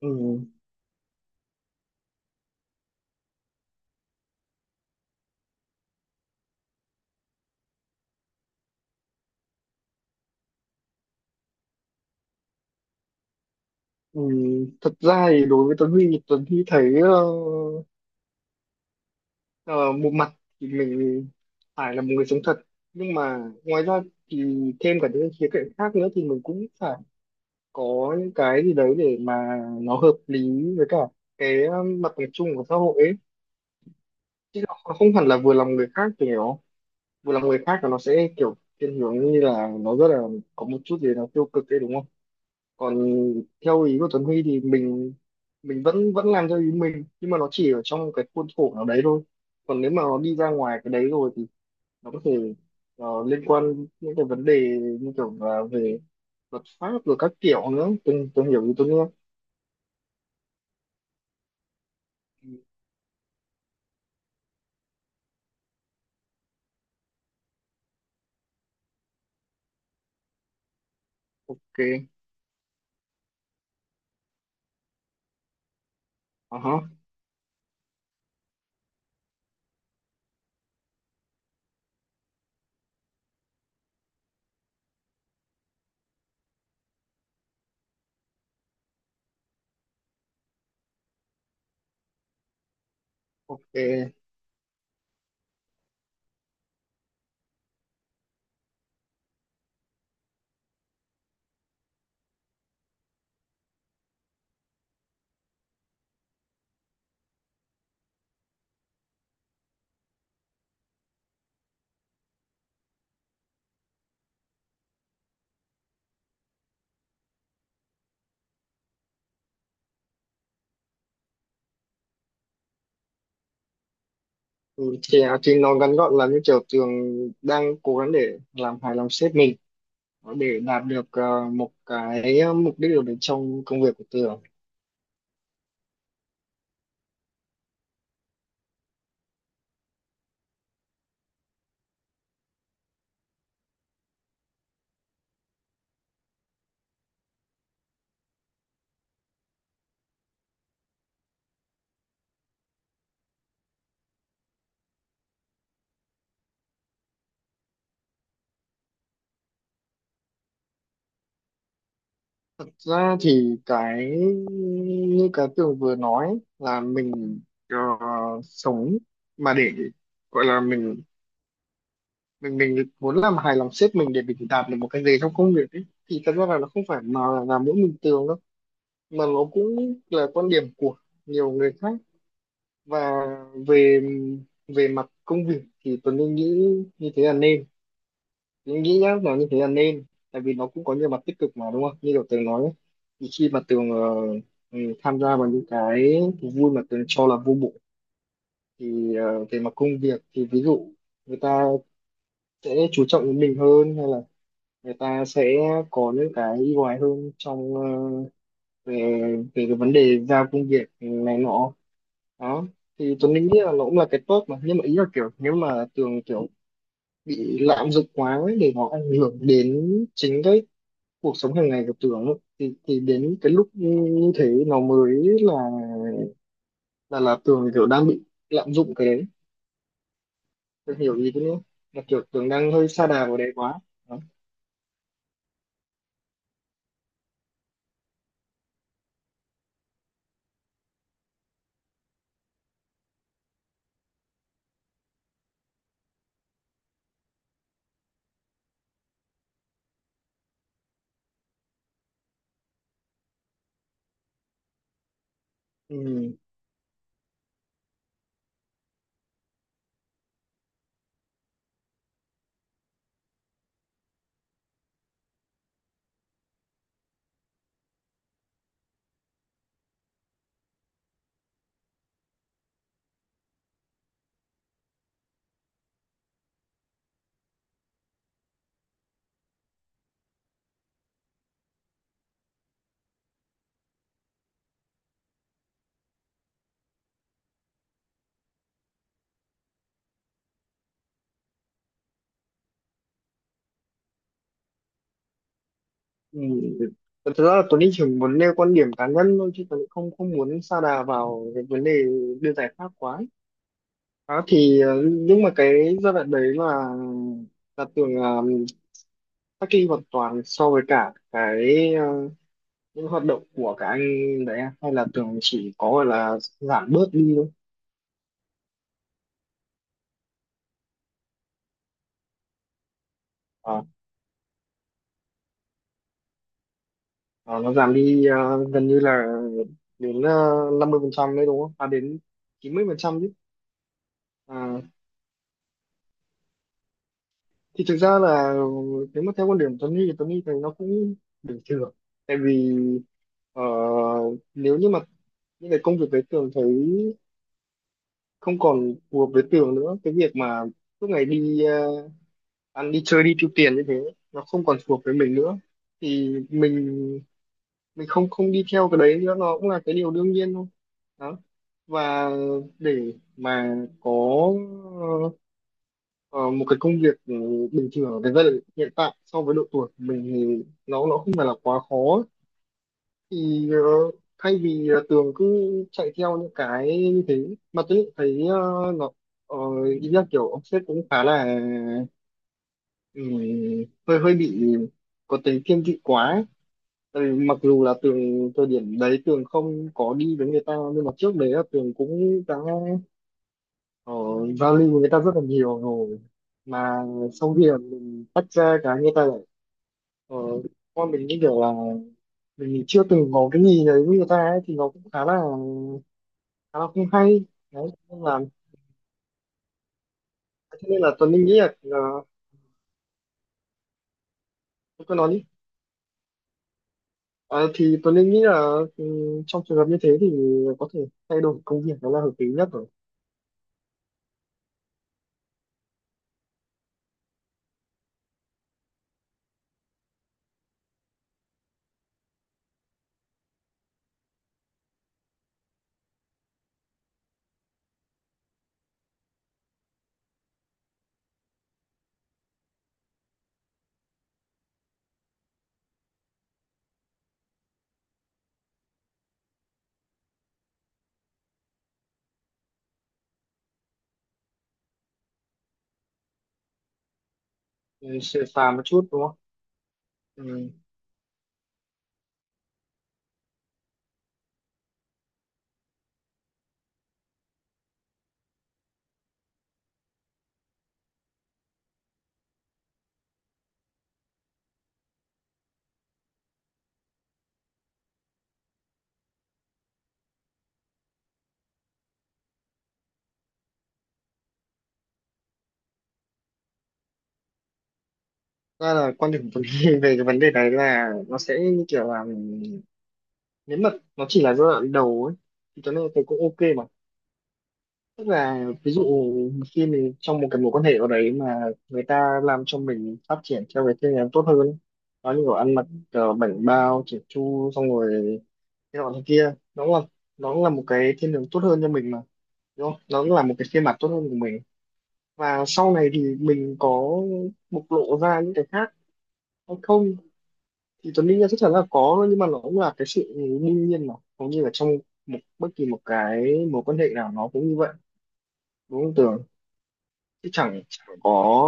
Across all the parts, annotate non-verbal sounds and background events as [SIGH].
Ừ, ừ, thật ra thì đối với Tuấn Huy Tuấn Huy thấy ờ, một mặt thì mình phải là một người sống thật, nhưng mà ngoài ra thì thêm cả những khía cạnh khác nữa thì mình cũng phải có những cái gì đấy để mà nó hợp lý với cả cái mặt bằng chung của xã hội ấy, chứ nó không hẳn là vừa lòng người khác. Thì nó vừa lòng người khác là nó sẽ kiểu thiên hướng như là nó rất là có một chút gì nó tiêu cực ấy, đúng không? Còn theo ý của Tuấn Huy thì mình vẫn vẫn làm theo ý mình, nhưng mà nó chỉ ở trong cái khuôn khổ nào đấy thôi. Còn nếu mà nó đi ra ngoài cái đấy rồi thì nó có thể liên quan những cái vấn đề như kiểu là về luật pháp rồi các kiểu nữa. Tôi hiểu ý Tuấn Huy không? Ừ, ok. Ờ hả, ok. Thì nó ngắn gọn là như kiểu Tường đang cố gắng để làm hài lòng sếp mình để đạt được một cái mục đích ở bên trong công việc của Tường. Thật ra thì cái như cái tường vừa nói là mình ờ, sống mà để gọi là mình muốn làm hài lòng sếp mình để mình đạt được một cái gì trong công việc ấy, thì thật ra là nó không phải mà là mỗi mình tường đâu, mà nó cũng là quan điểm của nhiều người khác. Và về về mặt công việc thì tôi nghĩ như thế là nên. Mình nghĩ nhá, nó như thế là nên, tại vì nó cũng có nhiều mặt tích cực mà, đúng không? Như kiểu Tường nói ấy, thì khi mà Tường tham gia vào những cái thú vui mà Tường cho là vô bổ thì về mặt công việc thì ví dụ người ta sẽ chú trọng đến mình hơn, hay là người ta sẽ có những cái ưu ái hơn trong về về cái vấn đề giao công việc này nọ. Đó, thì Tuấn nghĩ là nó cũng là cái tốt mà, nhưng mà ý là kiểu nếu mà Tường kiểu bị lạm dụng quá ấy, để nó ảnh hưởng đến chính cái cuộc sống hàng ngày của Tường ấy, thì đến cái lúc như thế nó mới là là Tường kiểu đang bị lạm dụng cái đấy. Tường hiểu ý thế nữa, là kiểu Tường đang hơi sa đà vào đấy quá. Đó. Ừ. Ừ. Thật ra là Tuấn đi chỉ muốn nêu quan điểm cá nhân thôi, chứ Tuấn cũng không không muốn sa đà vào cái vấn đề đưa giải pháp quá ấy. Đó, thì nhưng mà cái giai đoạn đấy là Tường cách ly hoàn toàn so với cả cái những hoạt động của các anh đấy à? Hay là tưởng chỉ có gọi là giảm bớt đi thôi? à, nó giảm đi gần như là đến 50% đấy, đúng không? À, đến 90% chứ? À, thì thực ra là nếu mà theo quan điểm Tuấn Huy thì Tuấn Huy thấy nó cũng bình thường, tại vì ờ, nếu như mà những cái công việc đấy Tường thấy không còn phù hợp với Tường nữa, cái việc mà suốt ngày đi ăn đi chơi đi tiêu tiền như thế nó không còn phù hợp với mình nữa, thì mình không không đi theo cái đấy nữa, nó cũng là cái điều đương nhiên thôi. Đó, và để mà có ờ, một cái công việc bình thường ở cái giai đoạn hiện tại so với độ tuổi của mình thì nó không phải là quá khó. Thì thay vì là Tường cứ chạy theo những cái như thế, mà tôi lại thấy nó ờ, ý là kiểu ông sếp cũng khá là ừm, hơi hơi bị có tính thiên vị quá ấy. Tại vì mặc dù là Tường thời điểm đấy Tường không có đi với người ta, nhưng mà trước đấy là Tường cũng đã ở giao lưu với người ta rất là nhiều rồi, mà sau khi là mình tách ra cái người ta lại ờ, con mình như kiểu là mình chưa từng có cái gì đấy với người ta ấy, thì nó cũng khá là không hay đấy. Nên là thế nên là Tuấn Linh nghĩ là ờ, tôi cứ nói đi. Ờ, thì Tuấn Linh nghĩ là ừ, trong trường hợp như thế thì có thể thay đổi công việc, đó là hợp lý nhất rồi. Ừ, sửa phàm một chút đúng không? Ừ. Ra là quan điểm của mình [LAUGHS] về cái vấn đề này là nó sẽ như kiểu là nếu mà nó chỉ là giai đoạn đầu ấy, thì cho nên tôi cũng ok mà. Tức là ví dụ khi mình trong một cái mối quan hệ ở đấy mà người ta làm cho mình phát triển theo cái phương hướng tốt hơn, nó như kiểu ăn mặc bảnh bao chỉn chu xong rồi cái nọ thế kia, nó cũng là một cái thiên hướng tốt hơn cho mình mà, đúng không? Nó cũng là một cái phiên bản tốt hơn của mình. Và sau này thì mình có bộc lộ ra những cái khác hay không thì Tuấn đương nhiên chắc chắn là có, nhưng mà nó cũng là cái sự đương nhiên mà, hầu như là trong một bất kỳ một cái mối quan hệ nào nó cũng như vậy, đúng không Tường? Chứ chẳng chẳng có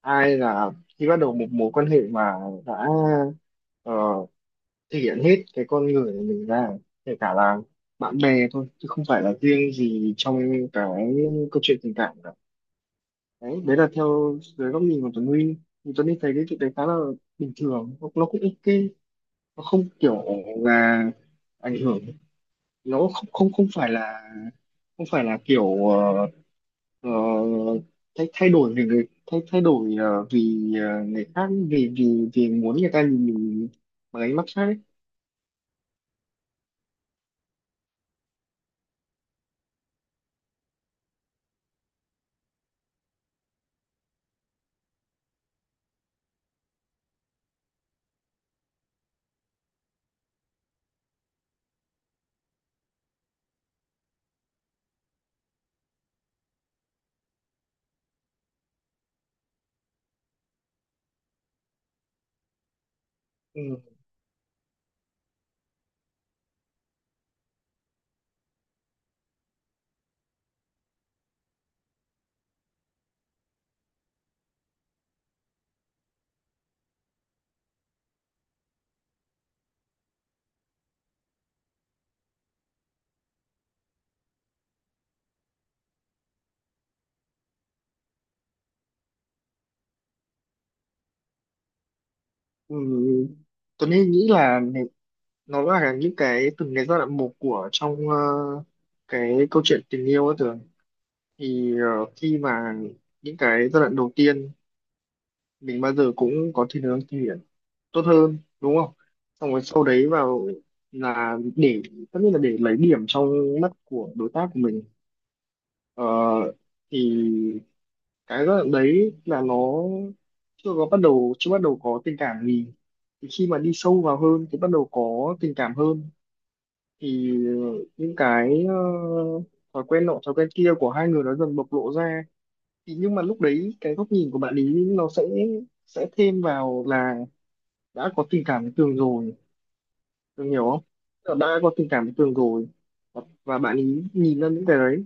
ai là khi bắt đầu một mối quan hệ mà đã ờ, thể hiện hết cái con người của mình ra, kể cả là bạn bè thôi chứ không phải là riêng gì trong cái câu chuyện tình cảm cả. Đấy, đấy là theo dưới góc nhìn của Tuấn Huy, thì Tuấn Huy thấy cái chuyện đấy khá là bình thường, nó cũng ok. Nó không kiểu là ảnh hưởng, nó không không không phải là không phải là kiểu ờ, thay thay đổi vì người thay thay đổi vì người khác, vì vì vì muốn người ta nhìn mình bằng ánh mắt khác ấy. Ừ. Ừ. Tuấn Anh nghĩ là này, nó là những cái từng cái giai đoạn một của trong cái câu chuyện tình yêu ấy tưởng. Thì khi mà những cái giai đoạn đầu tiên mình bao giờ cũng có thiên hướng tốt hơn, đúng không? Xong rồi sau đấy vào là để, tất nhiên là để lấy điểm trong mắt của đối tác của mình. ờ, thì cái giai đoạn đấy là nó chưa bắt đầu có tình cảm gì, thì khi mà đi sâu vào hơn thì bắt đầu có tình cảm hơn, thì những cái thói quen nọ thói quen kia của hai người nó dần bộc lộ ra. Thì nhưng mà lúc đấy cái góc nhìn của bạn ý nó sẽ thêm vào là đã có tình cảm với Tường rồi. Tường hiểu không? Tường đã có tình cảm với Tường rồi. Và bạn ấy nhìn ra những cái đấy,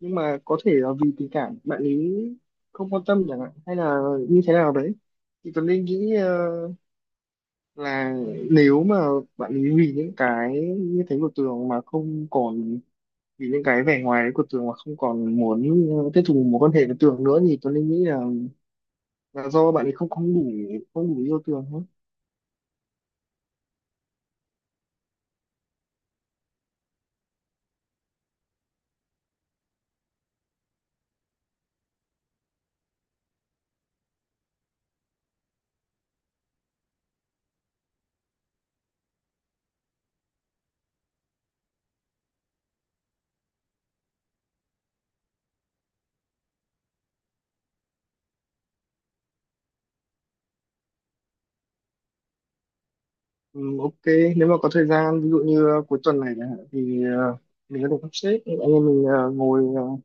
nhưng mà có thể là vì tình cảm bạn ấy không quan tâm chẳng hạn, hay là như thế nào đấy. Thì Tường nên nghĩ là nếu mà bạn ấy vì những cái như thế của Tường mà không còn, vì những cái vẻ ngoài đấy của Tường mà không còn muốn tiếp tục mối quan hệ với Tường nữa, thì Tường nên nghĩ là do bạn ấy không không đủ, không đủ yêu Tường thôi. Ừ, ok. Nếu mà có thời gian, ví dụ như cuối tuần này chẳng hạn, thì mình có thể sắp xếp anh em mình ngồi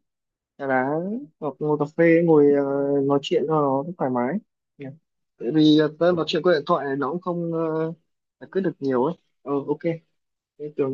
trà đá hoặc ngồi cà phê, ngồi nói chuyện cho nó thoải mái. Nhỉ? Tại vì tớ nói chuyện qua điện thoại này nó cũng không giải quyết được nhiều ấy. Ờ ok, thế tưởng.